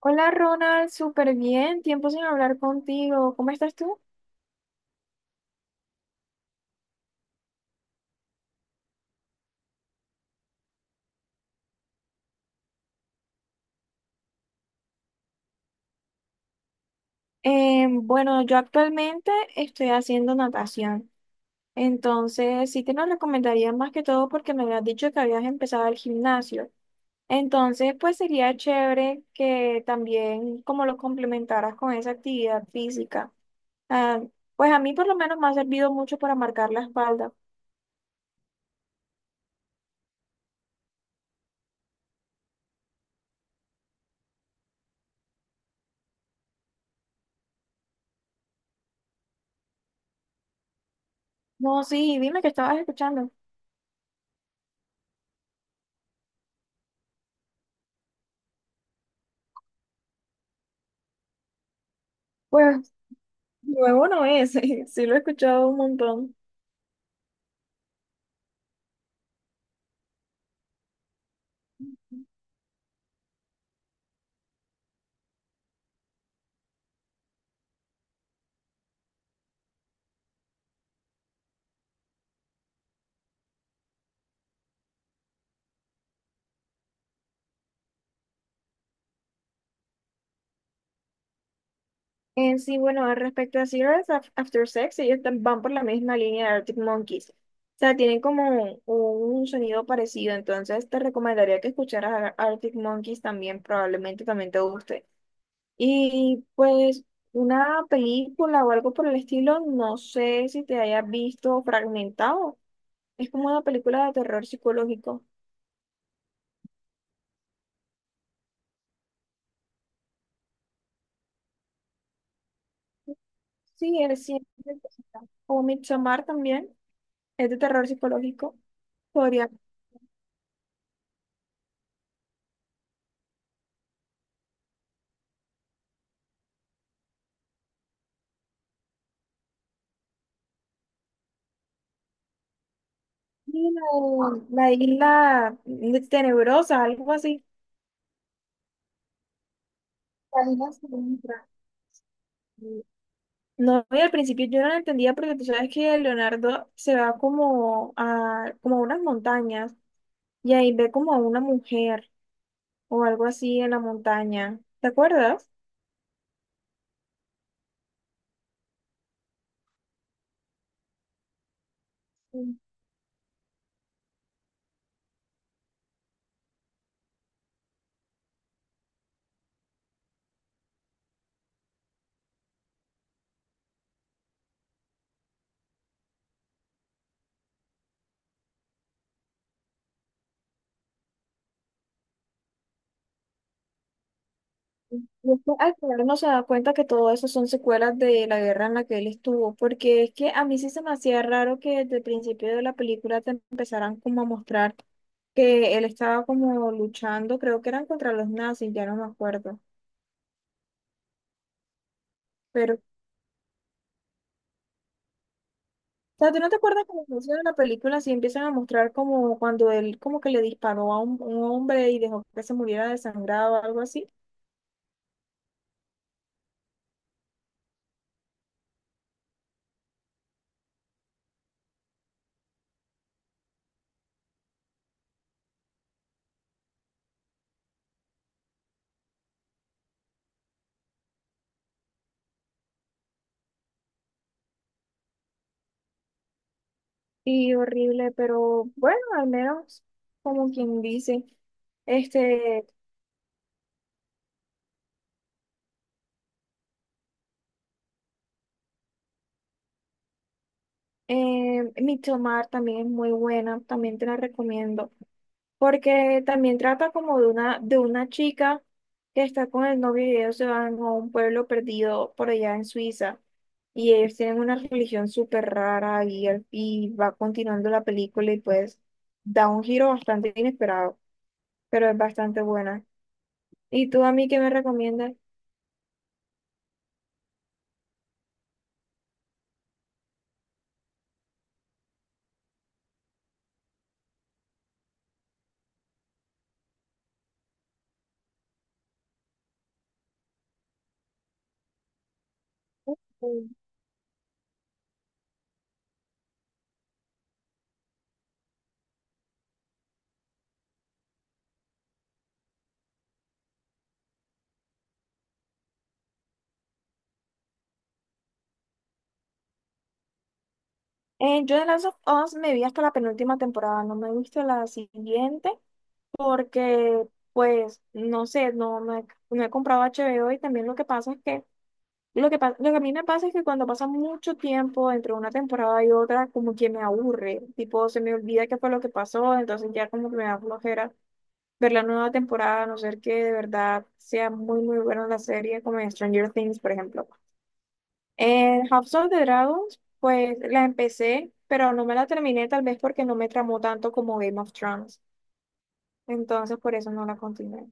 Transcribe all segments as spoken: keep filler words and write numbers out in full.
Hola Ronald, súper bien, tiempo sin hablar contigo. ¿Cómo estás tú? Eh, bueno, yo actualmente estoy haciendo natación, entonces sí te lo recomendaría más que todo porque me habías dicho que habías empezado el gimnasio. Entonces, pues sería chévere que también como lo complementaras con esa actividad física. Ah, pues a mí por lo menos me ha servido mucho para marcar la espalda. No, sí, dime que estabas escuchando. Pues nuevo no es, sí lo he escuchado un montón. Eh, sí, bueno, al respecto a Cigarettes Af- After Sex, ellos tam- van por la misma línea de Arctic Monkeys. O sea, tienen como un, un sonido parecido, entonces te recomendaría que escucharas a Arctic Monkeys también, probablemente también te guste. Y pues una película o algo por el estilo, no sé si te hayas visto fragmentado. Es como una película de terror psicológico. Sí, es siempre. O Midsommar también, es de terror psicológico. Podría. Sí, la, la isla tenebrosa, algo así. La isla siniestra. No, y al principio yo no la entendía porque tú sabes que Leonardo se va como a, como a unas montañas y ahí ve como a una mujer o algo así en la montaña. ¿Te acuerdas? Y es que al final no se da cuenta que todo eso son secuelas de la guerra en la que él estuvo, porque es que a mí sí se me hacía raro que desde el principio de la película te empezaran como a mostrar que él estaba como luchando, creo que eran contra los nazis, ya no me acuerdo. Pero, o sea, ¿tú no te acuerdas que al inicio de la película sí empiezan a mostrar como cuando él como que le disparó a un, un hombre y dejó que se muriera desangrado o algo así? Y horrible, pero bueno, al menos como quien dice. Este. Eh, Midsommar también es muy buena, también te la recomiendo, porque también trata como de una, de una chica que está con el novio y ellos se van a un pueblo perdido por allá en Suiza y ellos tienen una religión súper rara y, el- y va continuando la película y pues da un giro bastante inesperado, pero es bastante buena. ¿Y tú a mí qué me recomiendas? Mm. Eh, yo de Last of Us me vi hasta la penúltima temporada, no me he visto la siguiente, porque pues no sé, no, no he, no he comprado H B O y también lo que pasa es que lo que, pa- lo que a mí me pasa es que cuando pasa mucho tiempo entre una temporada y otra, como que me aburre, tipo se me olvida qué fue lo que pasó, entonces ya como que me da flojera ver la nueva temporada, a no ser que de verdad sea muy muy buena la serie, como en Stranger Things, por ejemplo. En House of the Dragons, pues la empecé, pero no me la terminé tal vez porque no me tramó tanto como Game of Thrones, entonces por eso no la continué.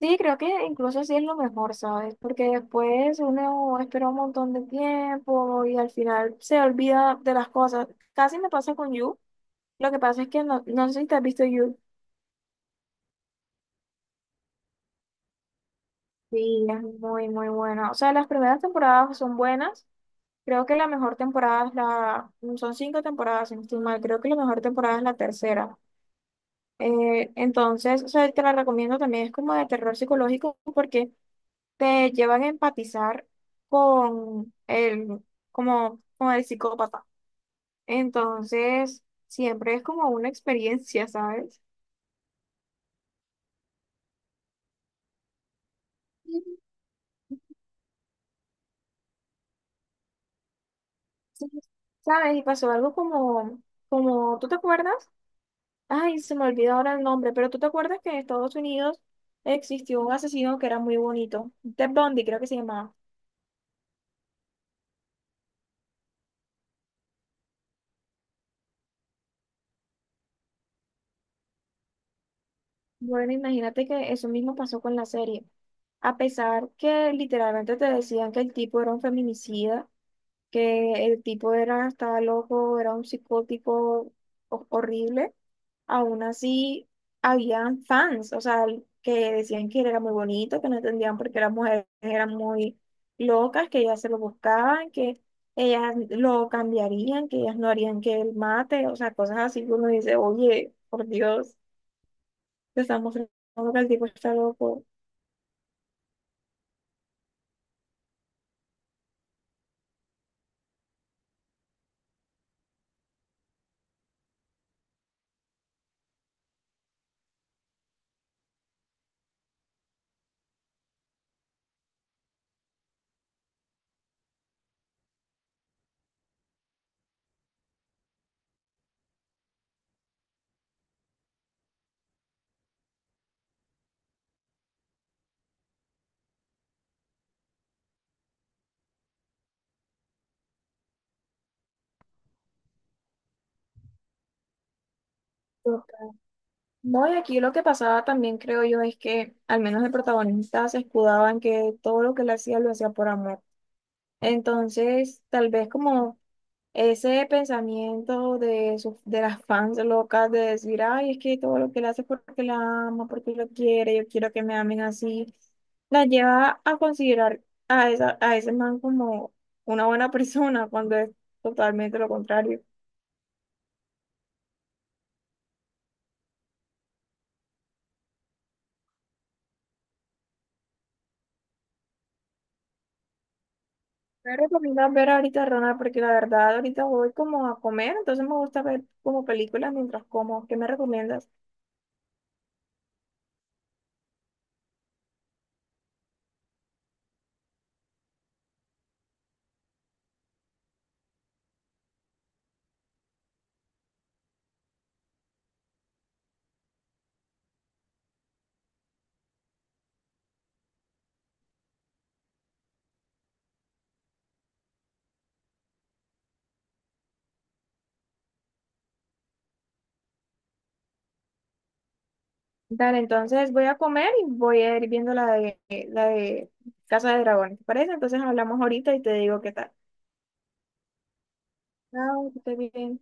Sí, creo que incluso sí es lo mejor, ¿sabes? Porque después uno espera un montón de tiempo y al final se olvida de las cosas. Casi me pasa con You. Lo que pasa es que no, no sé si te has visto You. Sí, es muy, muy buena. O sea, las primeras temporadas son buenas. Creo que la mejor temporada es la... Son cinco temporadas, si no estoy mal. Creo que la mejor temporada es la tercera. Eh, entonces, o sea, te la recomiendo también. Es como de terror psicológico porque te llevan a empatizar con el, como, con el psicópata. Entonces, siempre es como una experiencia, ¿sabes? Sí, sí. ¿Sabes? Y pasó algo como, como, ¿tú te acuerdas? Ay, se me olvidó ahora el nombre, pero ¿tú te acuerdas que en Estados Unidos existió un asesino que era muy bonito? Ted Bundy, creo que se llamaba. Bueno, imagínate que eso mismo pasó con la serie. A pesar que literalmente te decían que el tipo era un feminicida, que el tipo era, estaba loco, era un psicótico ho- horrible, aún así habían fans, o sea, que decían que él era muy bonito, que no entendían por qué las mujeres eran muy locas, que ellas se lo buscaban, que ellas lo cambiarían, que ellas no harían que él mate, o sea, cosas así que uno dice, oye, por Dios, te están mostrando que el tipo está loco. No, y aquí lo que pasaba también, creo yo, es que al menos el protagonista se escudaba en que todo lo que él hacía lo hacía por amor. Entonces, tal vez como ese pensamiento de, sus- de las fans locas de decir, ay, es que todo lo que él hace es porque la ama, porque lo quiere, yo quiero que me amen así, la lleva a considerar a, esa, a ese man como una buena persona cuando es totalmente lo contrario. Me recomiendas ver ahorita, Ronald, porque la verdad ahorita voy como a comer, entonces me gusta ver como películas mientras como. ¿Qué me recomiendas? Dale, entonces voy a comer y voy a ir viendo la de, la de Casa de Dragones, ¿te parece? Entonces hablamos ahorita y te digo qué tal. Chao, que estés bien.